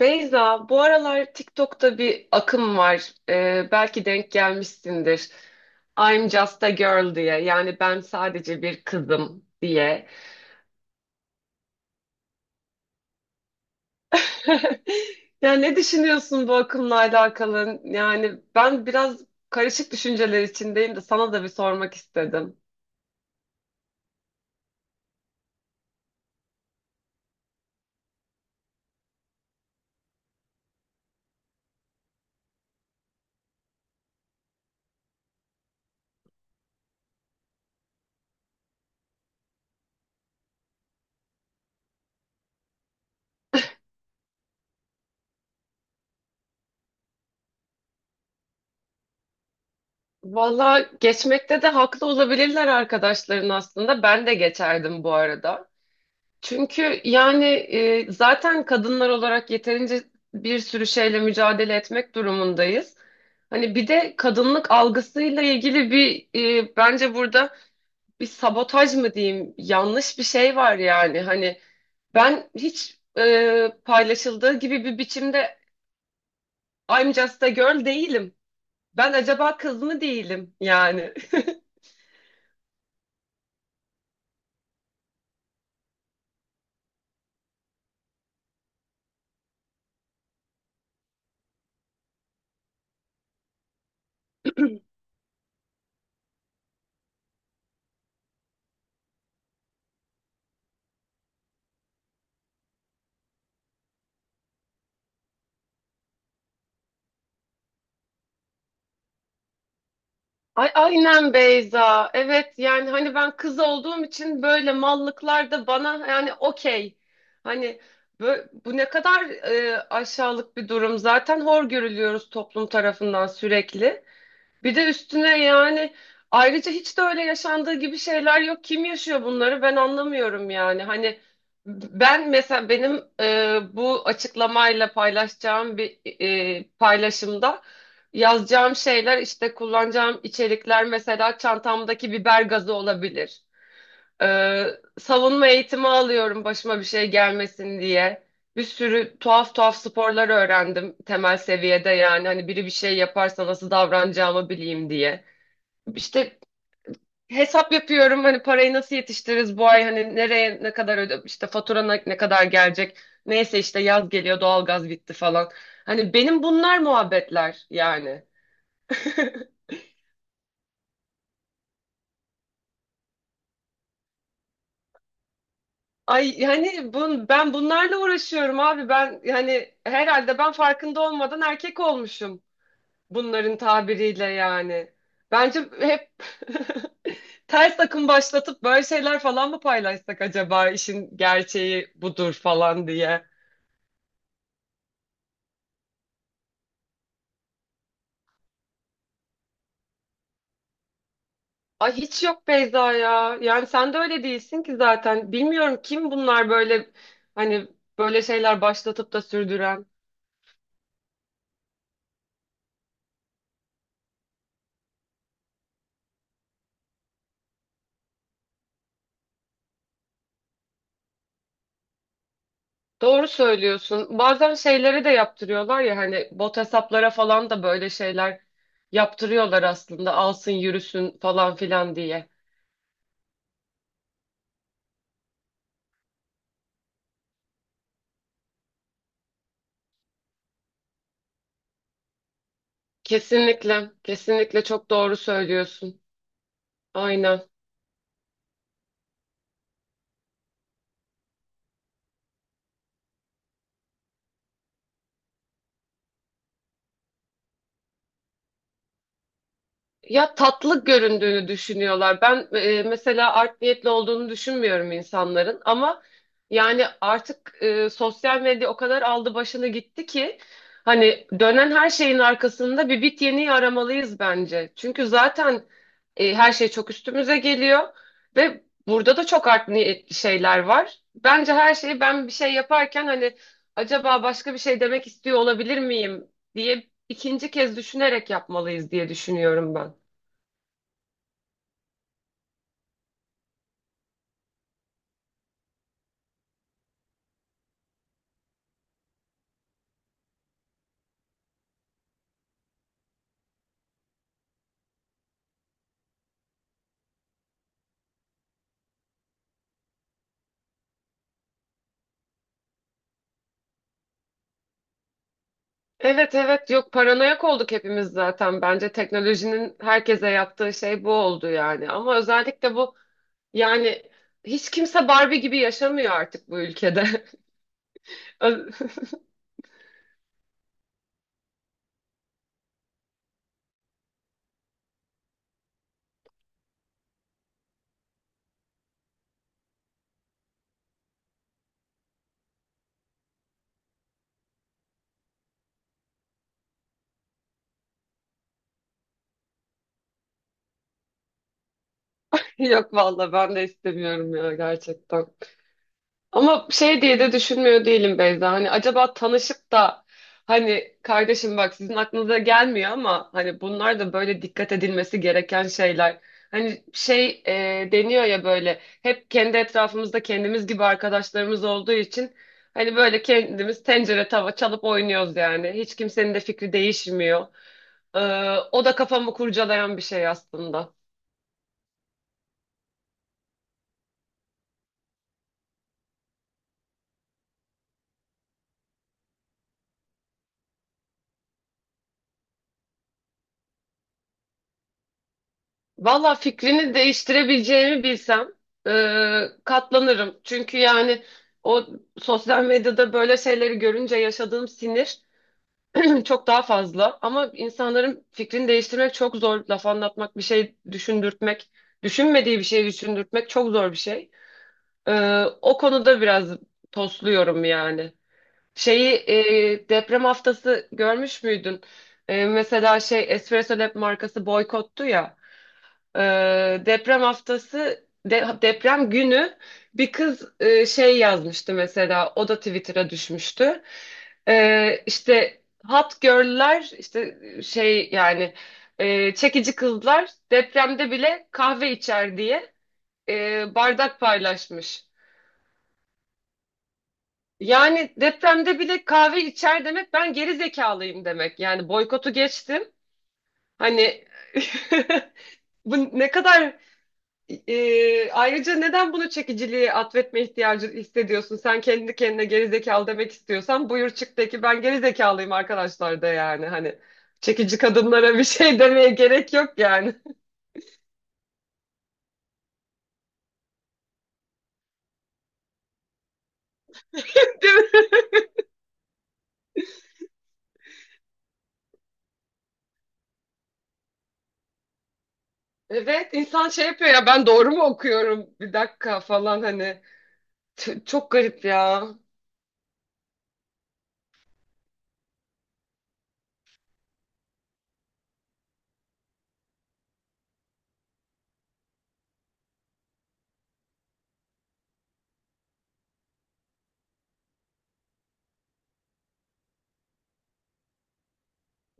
Beyza, bu aralar TikTok'ta bir akım var. Belki denk gelmişsindir. I'm just a girl diye. Yani ben sadece bir kızım diye. Ya ne düşünüyorsun bu akımla alakalı? Yani ben biraz karışık düşünceler içindeyim de sana da bir sormak istedim. Valla geçmekte de haklı olabilirler arkadaşların aslında. Ben de geçerdim bu arada. Çünkü yani zaten kadınlar olarak yeterince bir sürü şeyle mücadele etmek durumundayız. Hani bir de kadınlık algısıyla ilgili bir bence burada bir sabotaj mı diyeyim, yanlış bir şey var yani. Hani ben hiç paylaşıldığı gibi bir biçimde I'm just a girl değilim. Ben acaba kız mı değilim yani. Ay aynen Beyza. Evet, yani hani ben kız olduğum için böyle mallıklar da bana, yani okey. Hani bu ne kadar aşağılık bir durum. Zaten hor görülüyoruz toplum tarafından sürekli. Bir de üstüne yani ayrıca hiç de öyle yaşandığı gibi şeyler yok. Kim yaşıyor bunları, ben anlamıyorum yani. Hani ben mesela benim bu açıklamayla paylaşacağım bir paylaşımda yazacağım şeyler, işte kullanacağım içerikler, mesela çantamdaki biber gazı olabilir. Savunma eğitimi alıyorum başıma bir şey gelmesin diye. Bir sürü tuhaf tuhaf sporlar öğrendim temel seviyede, yani hani biri bir şey yaparsa nasıl davranacağımı bileyim diye. İşte hesap yapıyorum, hani parayı nasıl yetiştiririz bu ay, hani nereye ne kadar öde, işte fatura ne kadar gelecek. Neyse işte yaz geliyor, doğalgaz bitti falan. Hani benim bunlar muhabbetler yani. Ay yani ben bunlarla uğraşıyorum abi, ben yani herhalde ben farkında olmadan erkek olmuşum bunların tabiriyle yani. Bence hep ters akım başlatıp böyle şeyler falan mı paylaşsak acaba, işin gerçeği budur falan diye. Ay hiç yok Beyza ya. Yani sen de öyle değilsin ki zaten. Bilmiyorum kim bunlar böyle, hani böyle şeyler başlatıp da sürdüren. Doğru söylüyorsun. Bazen şeyleri de yaptırıyorlar ya, hani bot hesaplara falan da böyle şeyler yaptırıyorlar aslında, alsın yürüsün falan filan diye. Kesinlikle, kesinlikle çok doğru söylüyorsun. Aynen. Ya tatlı göründüğünü düşünüyorlar. Ben mesela art niyetli olduğunu düşünmüyorum insanların ama yani artık sosyal medya o kadar aldı başını gitti ki hani dönen her şeyin arkasında bir bit yeniği aramalıyız bence. Çünkü zaten her şey çok üstümüze geliyor ve burada da çok art niyetli şeyler var. Bence her şeyi ben bir şey yaparken hani acaba başka bir şey demek istiyor olabilir miyim diye ikinci kez düşünerek yapmalıyız diye düşünüyorum ben. Evet evet, yok paranoyak olduk hepimiz zaten. Bence teknolojinin herkese yaptığı şey bu oldu yani. Ama özellikle bu yani hiç kimse Barbie gibi yaşamıyor artık bu ülkede. Ö- Yok valla ben de istemiyorum ya gerçekten. Ama şey diye de düşünmüyor değilim Beyza. Hani acaba tanışıp da hani kardeşim bak sizin aklınıza gelmiyor ama hani bunlar da böyle dikkat edilmesi gereken şeyler. Hani şey deniyor ya, böyle hep kendi etrafımızda kendimiz gibi arkadaşlarımız olduğu için hani böyle kendimiz tencere tava çalıp oynuyoruz yani. Hiç kimsenin de fikri değişmiyor. O da kafamı kurcalayan bir şey aslında. Valla fikrini değiştirebileceğimi bilsem e, katlanırım. Çünkü yani o sosyal medyada böyle şeyleri görünce yaşadığım sinir çok daha fazla. Ama insanların fikrini değiştirmek çok zor. Laf anlatmak, bir şey düşündürtmek, düşünmediği bir şey düşündürtmek çok zor bir şey. O konuda biraz tosluyorum yani. Şeyi deprem haftası görmüş müydün? Mesela şey Espresso Lab markası boykottu ya. Deprem haftası deprem günü bir kız şey yazmıştı, mesela o da Twitter'a düşmüştü. İşte hot girl'ler, işte şey yani çekici kızlar depremde bile kahve içer diye bardak paylaşmış. Yani depremde bile kahve içer demek, ben geri zekalıyım demek. Yani boykotu geçtim. Hani bu ne kadar ayrıca neden bunu çekiciliğe atfetme ihtiyacı hissediyorsun? Sen kendi kendine gerizekalı demek istiyorsan buyur çık de ki ben gerizekalıyım arkadaşlar, da yani hani çekici kadınlara bir şey demeye gerek yok yani. Değil mi? Evet insan şey yapıyor ya, ben doğru mu okuyorum bir dakika falan, hani çok garip ya.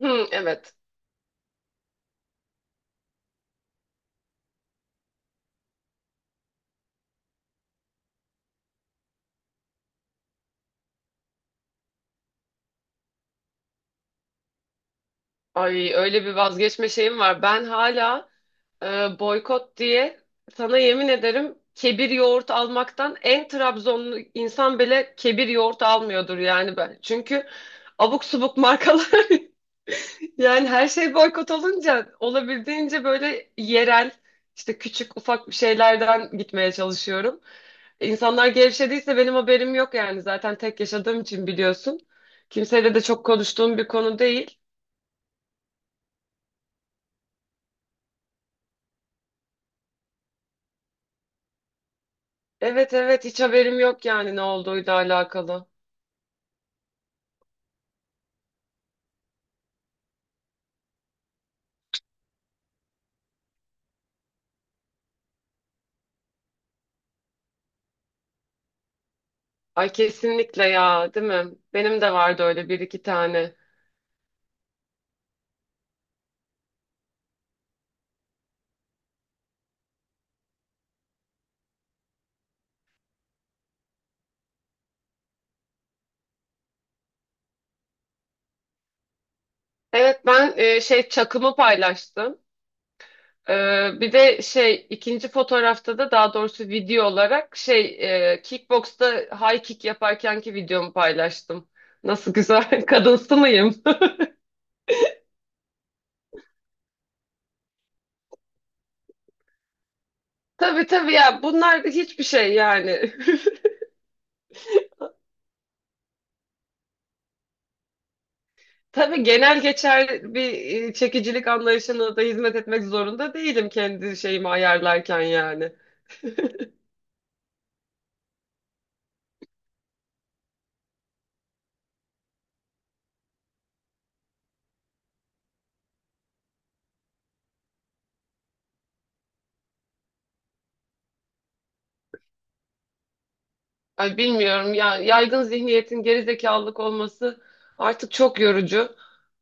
Hı, evet. Ay öyle bir vazgeçme şeyim var. Ben hala boykot diye sana yemin ederim kebir yoğurt almaktan, en Trabzonlu insan bile kebir yoğurt almıyordur yani ben. Çünkü abuk subuk markalar yani her şey boykot olunca olabildiğince böyle yerel, işte küçük ufak bir şeylerden gitmeye çalışıyorum. İnsanlar gevşediyse benim haberim yok yani, zaten tek yaşadığım için biliyorsun. Kimseyle de çok konuştuğum bir konu değil. Evet evet, hiç haberim yok yani ne olduğuyla alakalı. Ay kesinlikle ya, değil mi? Benim de vardı öyle bir iki tane. Evet ben şey çakımı paylaştım. E, Bir de şey ikinci fotoğrafta da, daha doğrusu video olarak şey kickboxta high kick yaparkenki videomu paylaştım. Nasıl güzel kadınsı mıyım? Tabii tabii ya bunlar hiçbir şey yani. Tabii genel geçerli bir çekicilik anlayışına da hizmet etmek zorunda değilim kendi şeyimi ayarlarken yani. Ay bilmiyorum ya, yaygın zihniyetin gerizekalılık olması artık çok yorucu.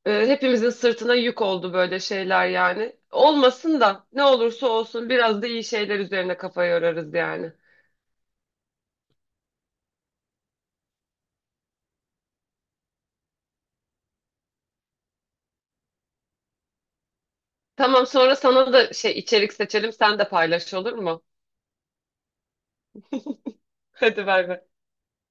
Hepimizin sırtına yük oldu böyle şeyler yani. Olmasın da, ne olursa olsun biraz da iyi şeyler üzerine kafa yorarız yani. Tamam, sonra sana da şey içerik seçelim sen de paylaş, olur mu? Hadi bay bay.